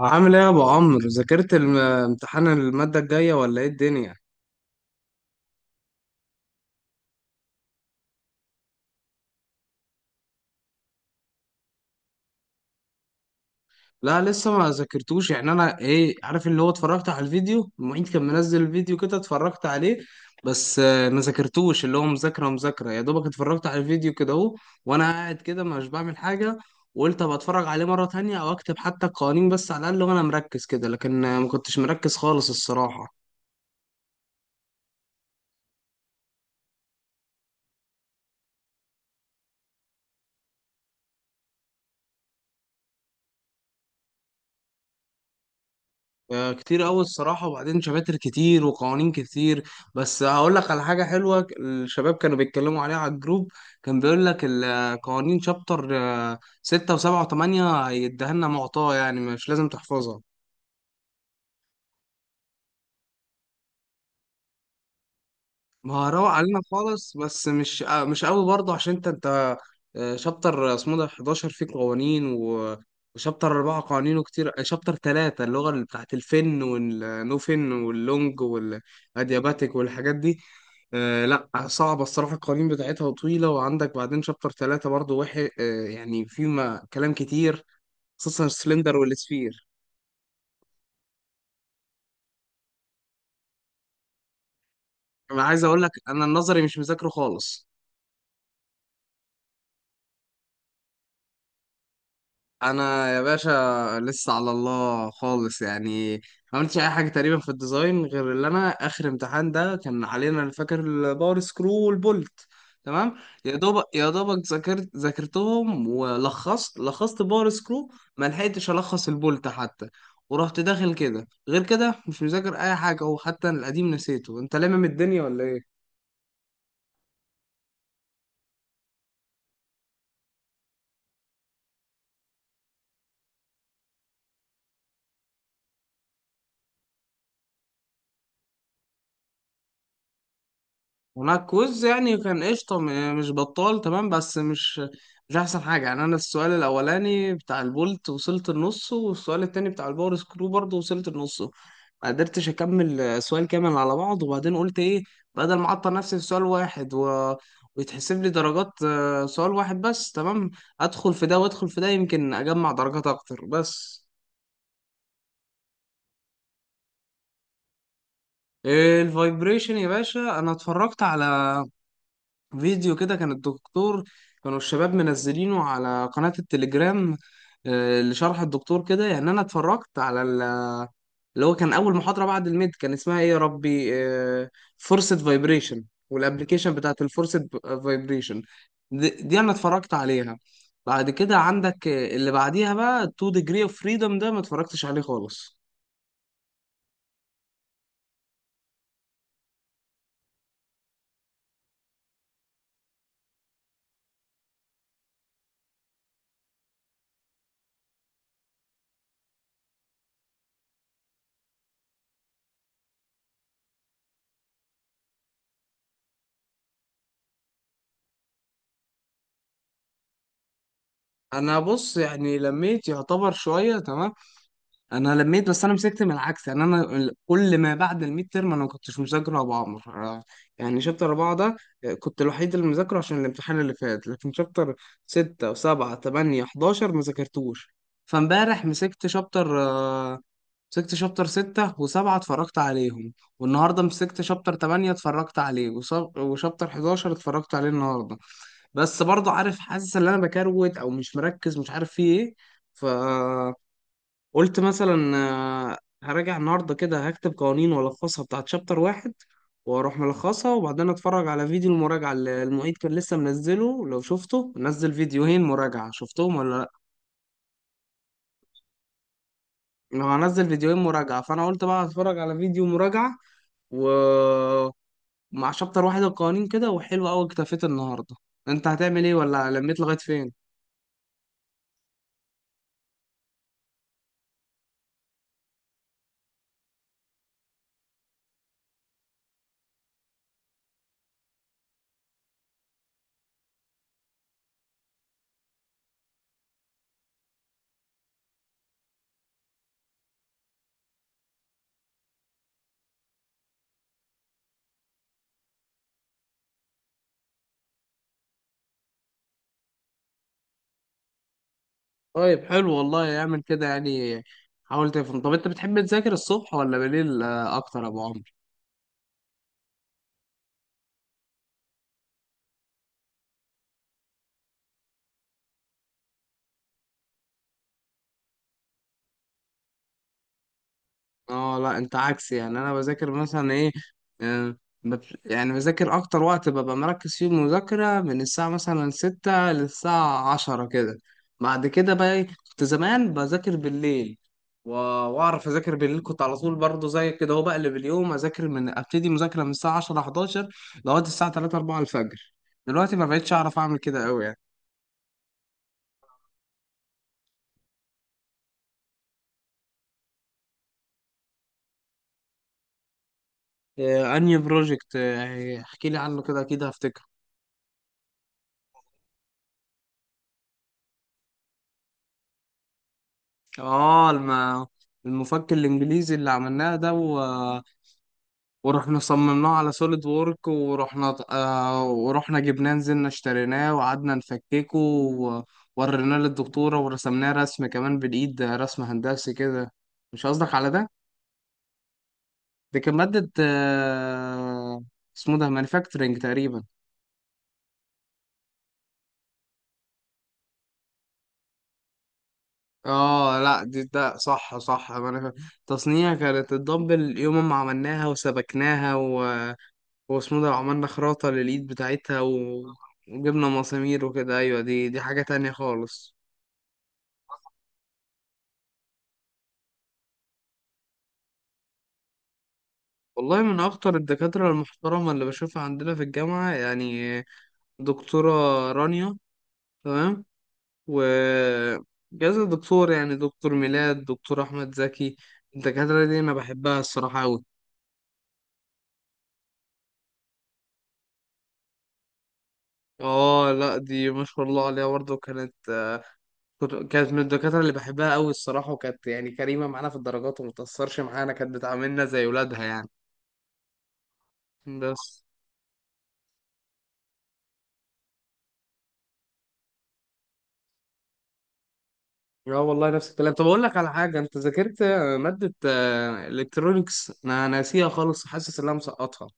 عامل ايه يا ابو عمرو ذاكرت امتحان المادة الجاية ولا ايه الدنيا؟ لا لسه ما ذاكرتوش، يعني انا ايه عارف، اللي هو اتفرجت على الفيديو، المعيد كان منزل الفيديو كده اتفرجت عليه. بس ما ذاكرتوش اللي هو مذاكرة، يا دوبك اتفرجت على الفيديو كده اهو. وانا قاعد كده مش بعمل حاجة. وقلت ابقى اتفرج عليه مرة تانية او اكتب حتى القوانين بس على الاقل وانا مركز كده، لكن ما كنتش مركز خالص الصراحة. كتير أوي الصراحة، وبعدين شماتر كتير وقوانين كتير. بس هقول لك على حاجة حلوة، الشباب كانوا بيتكلموا عليها على الجروب. كان بيقول لك القوانين شابتر ستة وسبعة وتمانية هيديها لنا معطاة، يعني مش لازم تحفظها. ما هو روق علينا خالص، بس مش مش قوي برضه، عشان انت شابتر اسمه ده 11 فيه قوانين وشابتر أربعة قوانينه كتير. شابتر ثلاثة اللغة اللي بتاعت الفن والنوفن واللونج والأدياباتيك والحاجات دي. لا صعبة الصراحة، القوانين بتاعتها طويلة. وعندك بعدين شابتر ثلاثة برضه وحي يعني في ما كلام كتير. خصوصا السلندر والسفير. أنا عايز أقول لك، أنا النظري مش مذاكره خالص. انا يا باشا لسه على الله خالص يعني. ما عملتش اي حاجه تقريبا في الديزاين، غير اللي انا اخر امتحان ده كان علينا، انا فاكر الباور سكرو والبولت تمام. يا دوبك ذاكرتهم ولخصت باور سكرو، ما لحقتش الخص البولت حتى. ورحت داخل كده، غير كده مش مذاكر اي حاجه، وحتى القديم نسيته، انت لامم الدنيا ولا ايه؟ وماركوز يعني كان قشطة، مش بطال تمام، بس مش مش أحسن حاجة يعني. أنا السؤال الأولاني بتاع البولت وصلت النص، والسؤال التاني بتاع الباور سكرو برضه وصلت النص. ما قدرتش أكمل سؤال كامل على بعض. وبعدين قلت إيه، بدل ما أعطل نفسي في سؤال واحد ويتحسب لي درجات سؤال واحد بس تمام، أدخل في ده وأدخل في ده، يمكن أجمع درجات أكتر. بس إيه الفايبريشن يا باشا؟ أنا اتفرجت على فيديو كده كان الدكتور، كانوا الشباب منزلينه على قناة التليجرام لشرح الدكتور كده. يعني انا اتفرجت على اللي هو كان اول محاضرة بعد الميد، كان اسمها ايه يا ربي، فورسد فايبريشن والابلكيشن بتاعت الفورسد فايبريشن. دي انا اتفرجت عليها. بعد كده عندك اللي بعديها بقى 2 degree of freedom، ده ما اتفرجتش عليه خالص. انا بص يعني لميت يعتبر شوية تمام، انا لميت. بس انا مسكت من العكس، يعني انا كل ما بعد الميد ترم انا ما كنتش مذاكر ابو عمر. آه، يعني شابتر اربعه ده كنت الوحيد اللي مذاكره عشان الامتحان اللي فات. لكن شابتر سته وسبعه تمانيه حداشر ما ذاكرتوش. فامبارح مسكت شابتر مسكت شابتر سته وسبعه اتفرجت عليهم. والنهارده مسكت شابتر تمانيه اتفرجت عليه، وشابتر حداشر اتفرجت عليه النهارده. بس برضه عارف، حاسس ان انا بكروت او مش مركز، مش عارف في ايه. ف قلت مثلا آه، هراجع النهارده كده، هكتب قوانين والخصها بتاعت شابتر واحد واروح ملخصها، وبعدين اتفرج على فيديو المراجعه اللي المعيد كان لسه منزله. لو شفته نزل فيديوهين مراجعه شفتهم ولا لا؟ هو هنزل فيديوهين مراجعه، فانا قلت بقى هتفرج على فيديو مراجعه ومع شابتر واحد القوانين كده وحلو قوي، اكتفيت النهارده. انت هتعمل ايه، ولا لميت لغايه فين؟ طيب حلو والله، اعمل كده يعني، حاول تفهم. طب انت بتحب تذاكر الصبح ولا بالليل اكتر يا ابو عمرو؟ اه لا انت عكسي، يعني انا بذاكر مثلا ايه آه، يعني بذاكر اكتر وقت ببقى مركز فيه المذاكرة من الساعة مثلا ستة للساعة عشرة كده. بعد كده بقى ايه، كنت زمان بذاكر بالليل و- واعرف اذاكر بالليل، كنت على طول برضه زي كده، هو بقلب اليوم، اذاكر من ابتدي مذاكرة من الساعة 10 11 لغاية الساعة 3 4 الفجر. دلوقتي ما بقتش اعرف اعمل كده قوي يعني. انهي بروجكت؟ احكي لي عنه كده، اكيد هفتكره. اه المفك الانجليزي اللي عملناه ده ورحنا صممناه على سوليد وورك، ورحنا ورحنا جبناه نزلنا اشتريناه وقعدنا نفككه، ووريناه للدكتورة ورسمناه رسم كمان بالإيد، ده رسم هندسي كده. مش قصدك على ده؟ دي كانت مادة اسمه ده مانيفاكتشرنج تقريبا. اه لا دي ده صح صح تصنيع، كانت الدمبل يوم ما عملناها وسبكناها، واسمه ده عملنا خراطة للإيد بتاعتها وجبنا مسامير وكده. أيوة دي حاجة تانية خالص. والله من أخطر الدكاترة المحترمة اللي بشوفها عندنا في الجامعة يعني، دكتورة رانيا تمام. و كذا دكتور، يعني دكتور ميلاد، دكتور أحمد زكي، الدكاترة دي أنا بحبها الصراحة أوي. اه لا دي ما شاء الله عليها برضه كانت، كانت من الدكاترة اللي بحبها أوي الصراحة، وكانت يعني كريمة معانا في الدرجات ومتأثرش معانا، كانت بتعاملنا زي ولادها يعني. بس اه والله نفس الكلام. طب اقول لك على حاجه، انت ذاكرت ماده الكترونكس؟ انا ناسيها خالص، حاسس ان انا مسقطها.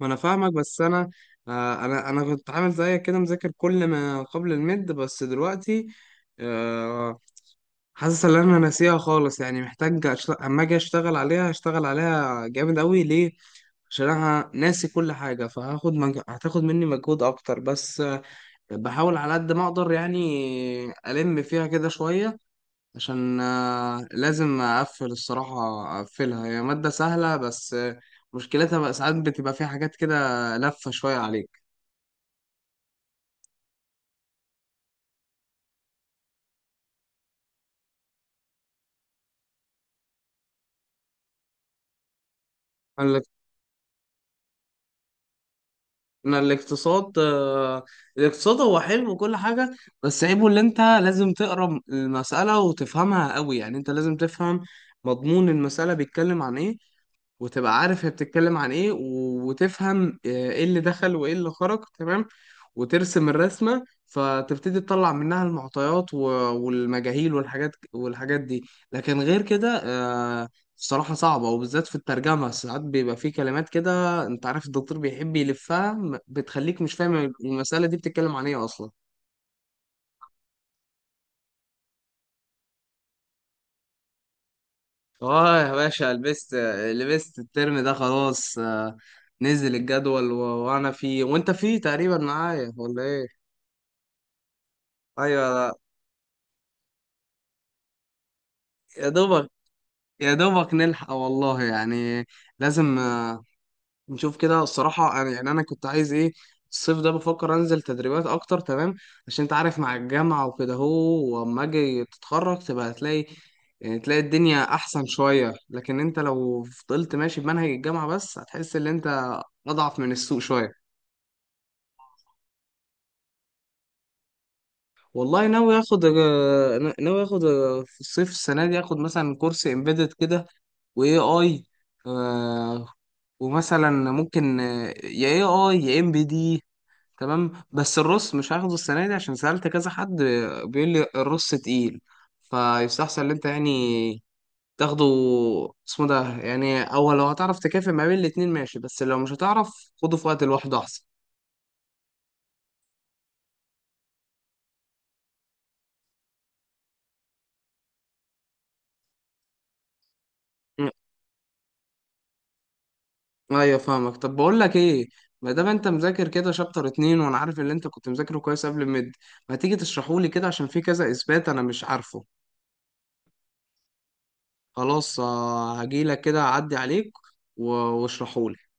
ما انا فاهمك، بس انا انا كنت عامل زيك كده، مذاكر كل ما قبل الميد، بس دلوقتي آه، حاسس ان انا ناسيها خالص، يعني محتاج اما اجي اشتغل عليها هشتغل عليها جامد قوي. ليه؟ عشان انا ناسي كل حاجه، هتاخد مني مجهود اكتر، بس بحاول على قد ما اقدر يعني، الم فيها كده شويه، عشان لازم اقفل الصراحة، اقفلها. هي مادة سهلة بس مشكلتها بقى ساعات بتبقى فيها حاجات كده لفة شوية عليك. انا الاق- أنا الاقتصاد الاقتصاد هو حلو وكل حاجة، بس عيبه اللي انت لازم تقرا المسألة وتفهمها قوي، يعني انت لازم تفهم مضمون المسألة بيتكلم عن ايه، وتبقى عارف هي بتتكلم عن ايه وتفهم ايه اللي دخل وايه اللي خرج تمام، وترسم الرسمة، فتبتدي تطلع منها المعطيات والمجاهيل والحاجات والحاجات دي. لكن غير كده الصراحة صعبة، وبالذات في الترجمة ساعات بيبقى في كلمات كده، انت عارف الدكتور بيحب يلفها بتخليك مش فاهم المسألة دي بتتكلم عن ايه اصلا. اه يا باشا لبست، لبست الترم ده خلاص. نزل الجدول وانا فيه وانت فيه تقريبا معايا ولا؟ ايوه. يا دوبك يا دوبك نلحق والله يعني، لازم نشوف كده الصراحه. يعني انا كنت عايز ايه، الصيف ده بفكر انزل تدريبات اكتر تمام، عشان انت عارف مع الجامعه وكده. هو واما اجي تتخرج تبقى هتلاقي، يعني تلاقي الدنيا احسن شويه، لكن انت لو فضلت ماشي بمنهج الجامعه بس، هتحس ان انت اضعف من السوق شويه. والله ناوي اخد في الصيف السنه دي اخد مثلا كورس امبيدد كده واي اي، ومثلا ممكن يا اي اي يا ام بي دي تمام. بس الرص مش هاخده السنه دي، عشان سالت كذا حد بيقول لي الرص تقيل، فيستحسن ان انت يعني تاخده اسمه ده يعني، او لو هتعرف تكافئ ما بين الاتنين ماشي، بس لو مش هتعرف خده في وقت لوحده احسن. م. ايوه فاهمك. طب بقول لك ايه، ما دام انت مذاكر كده شابتر اتنين، وانا عارف اللي انت كنت مذاكره كويس قبل الميد، ما تيجي تشرحه لي كده، عشان في كذا اثبات انا مش عارفه. خلاص هجيلك كده اعدي عليك واشرحهولك.